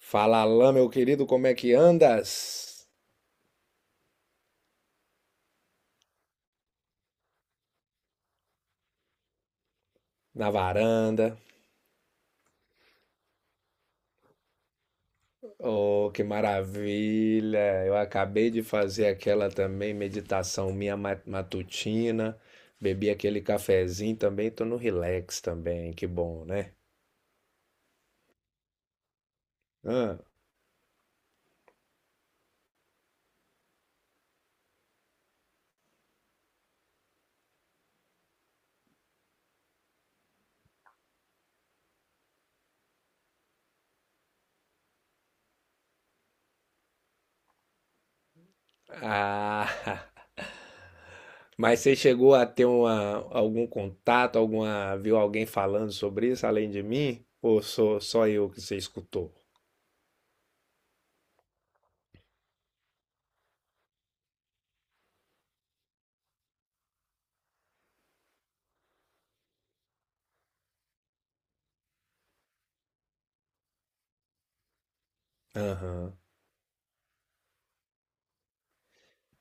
Fala, Alain, meu querido, como é que andas? Na varanda. Oh, que maravilha! Eu acabei de fazer aquela também meditação minha matutina. Bebi aquele cafezinho também, tô no relax também, que bom, né? Hã? Ah, mas você chegou a ter uma, algum contato, alguma, viu alguém falando sobre isso além de mim? Ou sou só eu que você escutou? Aham.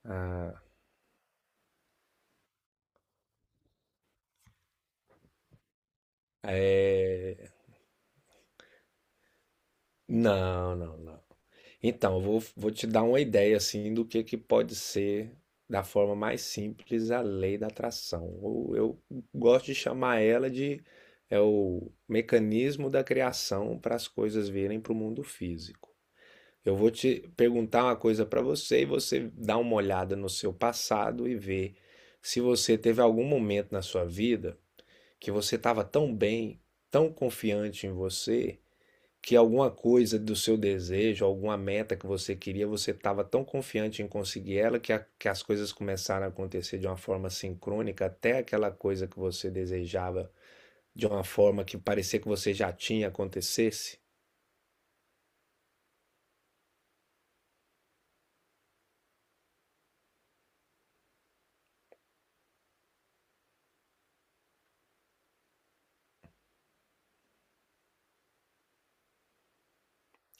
Ah, é. Não, não, não. Então, eu vou te dar uma ideia assim do que pode ser da forma mais simples a lei da atração. Ou eu gosto de chamar ela de é o mecanismo da criação para as coisas virem para o mundo físico. Eu vou te perguntar uma coisa para você e você dá uma olhada no seu passado e vê se você teve algum momento na sua vida que você estava tão bem, tão confiante em você que alguma coisa do seu desejo, alguma meta que você queria, você estava tão confiante em conseguir ela que, que as coisas começaram a acontecer de uma forma sincrônica, até aquela coisa que você desejava de uma forma que parecia que você já tinha acontecesse?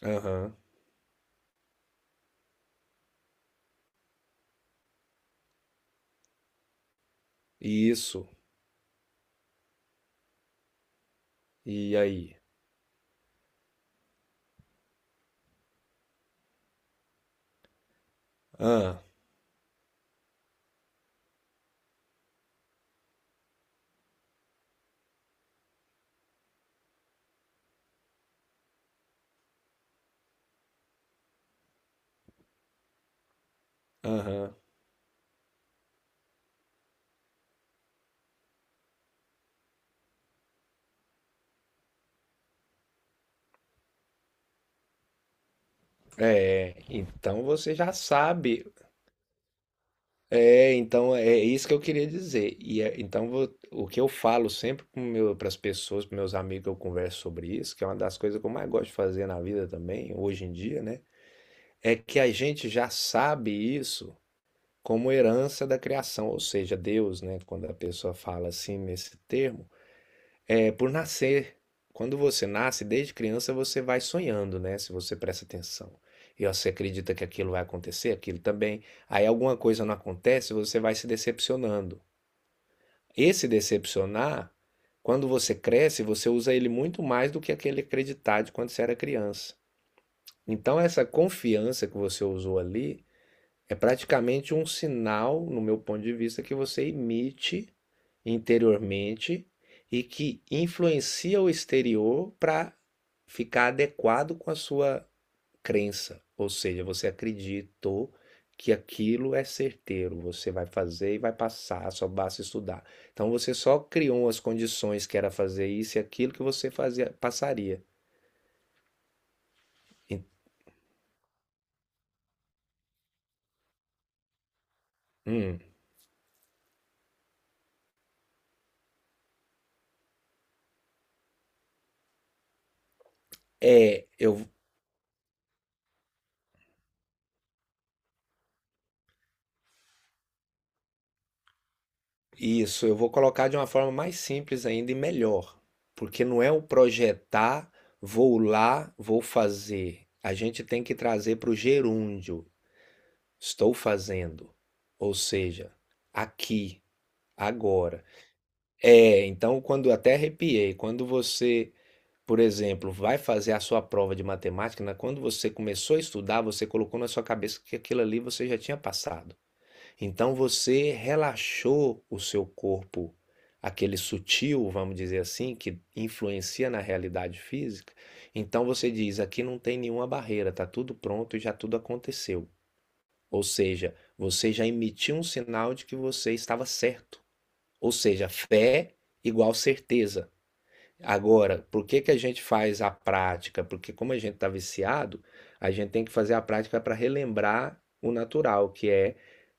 Aham, isso. E aí? Ah, aham. É, então você já sabe. É, então é isso que eu queria dizer. Então o que eu falo sempre para as pessoas, para meus amigos que eu converso sobre isso, que é uma das coisas que eu mais gosto de fazer na vida também, hoje em dia, né? É que a gente já sabe isso como herança da criação, ou seja, Deus, né? Quando a pessoa fala assim nesse termo. É, por nascer. Quando você nasce, desde criança, você vai sonhando, né? Se você presta atenção. E você acredita que aquilo vai acontecer, aquilo também. Aí alguma coisa não acontece, você vai se decepcionando. Esse decepcionar, quando você cresce, você usa ele muito mais do que aquele acreditar de quando você era criança. Então, essa confiança que você usou ali é praticamente um sinal, no meu ponto de vista, que você emite interiormente e que influencia o exterior para ficar adequado com a sua crença. Ou seja, você acreditou que aquilo é certeiro, você vai fazer e vai passar, só basta estudar. Então você só criou as condições que era fazer isso e aquilo que você fazia passaria. Hum, é, eu Isso, eu vou colocar de uma forma mais simples ainda e melhor, porque não é o projetar, vou lá, vou fazer. A gente tem que trazer para o gerúndio, estou fazendo, ou seja, aqui, agora. É, então quando até arrepiei, quando você, por exemplo, vai fazer a sua prova de matemática, né, quando você começou a estudar, você colocou na sua cabeça que aquilo ali você já tinha passado. Então você relaxou o seu corpo, aquele sutil, vamos dizer assim, que influencia na realidade física. Então você diz: aqui não tem nenhuma barreira, está tudo pronto e já tudo aconteceu. Ou seja, você já emitiu um sinal de que você estava certo. Ou seja, fé igual certeza. Agora, por que que a gente faz a prática? Porque como a gente está viciado, a gente tem que fazer a prática para relembrar o natural, que é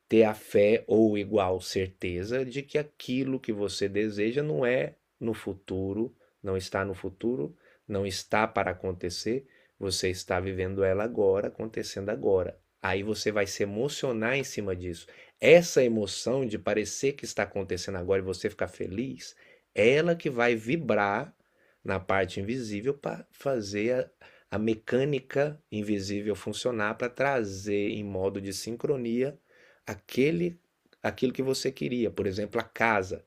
ter a fé ou igual certeza de que aquilo que você deseja não é no futuro, não está no futuro, não está para acontecer, você está vivendo ela agora, acontecendo agora. Aí você vai se emocionar em cima disso. Essa emoção de parecer que está acontecendo agora e você ficar feliz, é ela que vai vibrar na parte invisível para fazer a mecânica invisível funcionar para trazer em modo de sincronia aquele aquilo que você queria, por exemplo, a casa.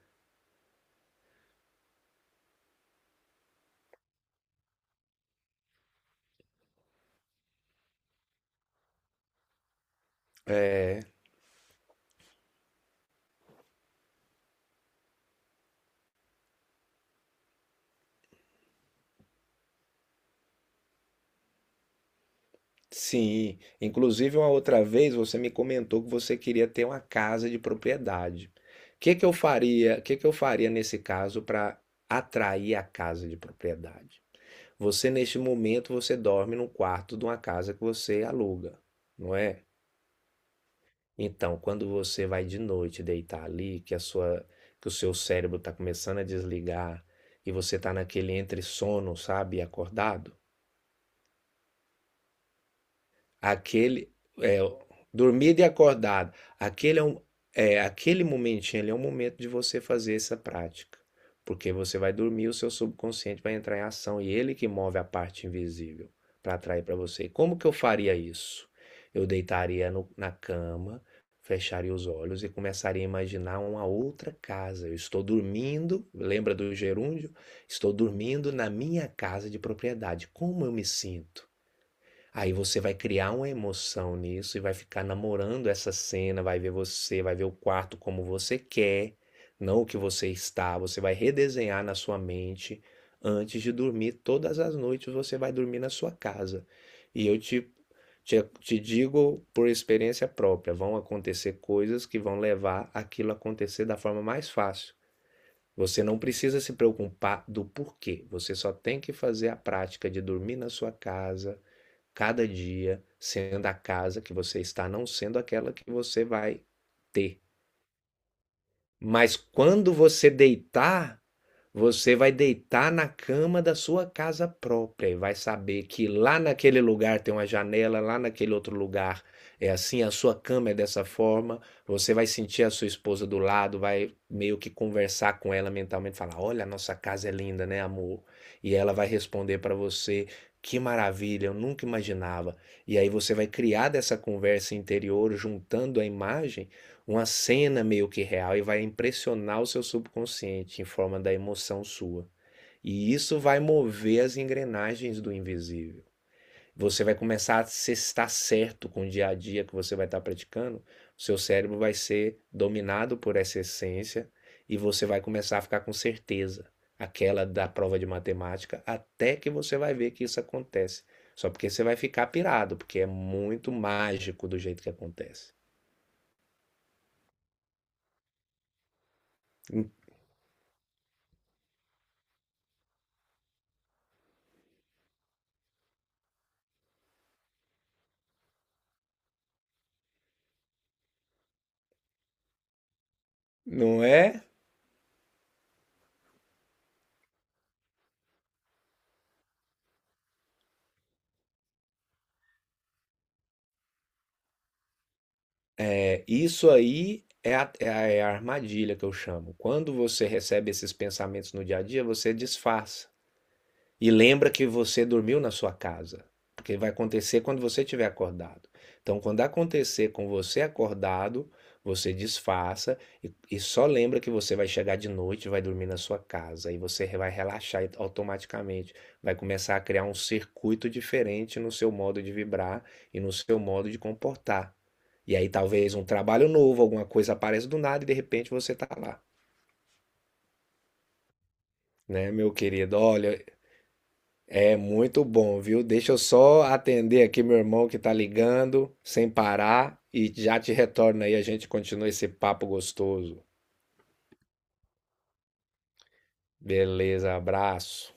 Sim, inclusive, uma outra vez você me comentou que você queria ter uma casa de propriedade. O que que eu faria, o que que eu faria nesse caso para atrair a casa de propriedade? Você, neste momento, você dorme no quarto de uma casa que você aluga, não é? Então, quando você vai de noite deitar ali, que a sua, que o seu cérebro está começando a desligar e você está naquele entre sono, sabe, e acordado, aquele é dormido e acordado. Aquele é um É aquele momentinho ali é um momento de você fazer essa prática, porque você vai dormir, o seu subconsciente vai entrar em ação e ele que move a parte invisível para atrair para você. E como que eu faria isso? Eu deitaria na cama, fecharia os olhos e começaria a imaginar uma outra casa. Eu estou dormindo, lembra do gerúndio? Estou dormindo na minha casa de propriedade. Como eu me sinto? Aí você vai criar uma emoção nisso e vai ficar namorando essa cena, vai ver você, vai ver o quarto como você quer, não o que você está. Você vai redesenhar na sua mente antes de dormir. Todas as noites você vai dormir na sua casa. E eu te digo por experiência própria: vão acontecer coisas que vão levar aquilo a acontecer da forma mais fácil. Você não precisa se preocupar do porquê, você só tem que fazer a prática de dormir na sua casa cada dia sendo a casa que você está, não sendo aquela que você vai ter. Mas quando você deitar, você vai deitar na cama da sua casa própria e vai saber que lá naquele lugar tem uma janela, lá naquele outro lugar é assim, a sua cama é dessa forma. Você vai sentir a sua esposa do lado, vai meio que conversar com ela mentalmente, falar: "Olha, a nossa casa é linda, né, amor?" E ela vai responder para você: "Que maravilha, eu nunca imaginava". E aí você vai criar dessa conversa interior juntando a imagem uma cena meio que real e vai impressionar o seu subconsciente em forma da emoção sua. E isso vai mover as engrenagens do invisível. Você vai começar a se estar certo com o dia a dia que você vai estar praticando. O seu cérebro vai ser dominado por essa essência e você vai começar a ficar com certeza. Aquela da prova de matemática, até que você vai ver que isso acontece. Só porque você vai ficar pirado, porque é muito mágico do jeito que acontece. Não é? É, isso aí é é a armadilha que eu chamo. Quando você recebe esses pensamentos no dia a dia, você disfarça. E lembra que você dormiu na sua casa, porque vai acontecer quando você estiver acordado. Então, quando acontecer com você acordado, você desfaça e só lembra que você vai chegar de noite, e vai dormir na sua casa e você vai relaxar automaticamente, vai começar a criar um circuito diferente no seu modo de vibrar e no seu modo de comportar. E aí talvez um trabalho novo, alguma coisa apareça do nada e de repente você está lá, né, meu querido? Olha, é muito bom, viu? Deixa eu só atender aqui meu irmão que tá ligando, sem parar, e já te retorno aí, a gente continua esse papo gostoso. Beleza, abraço.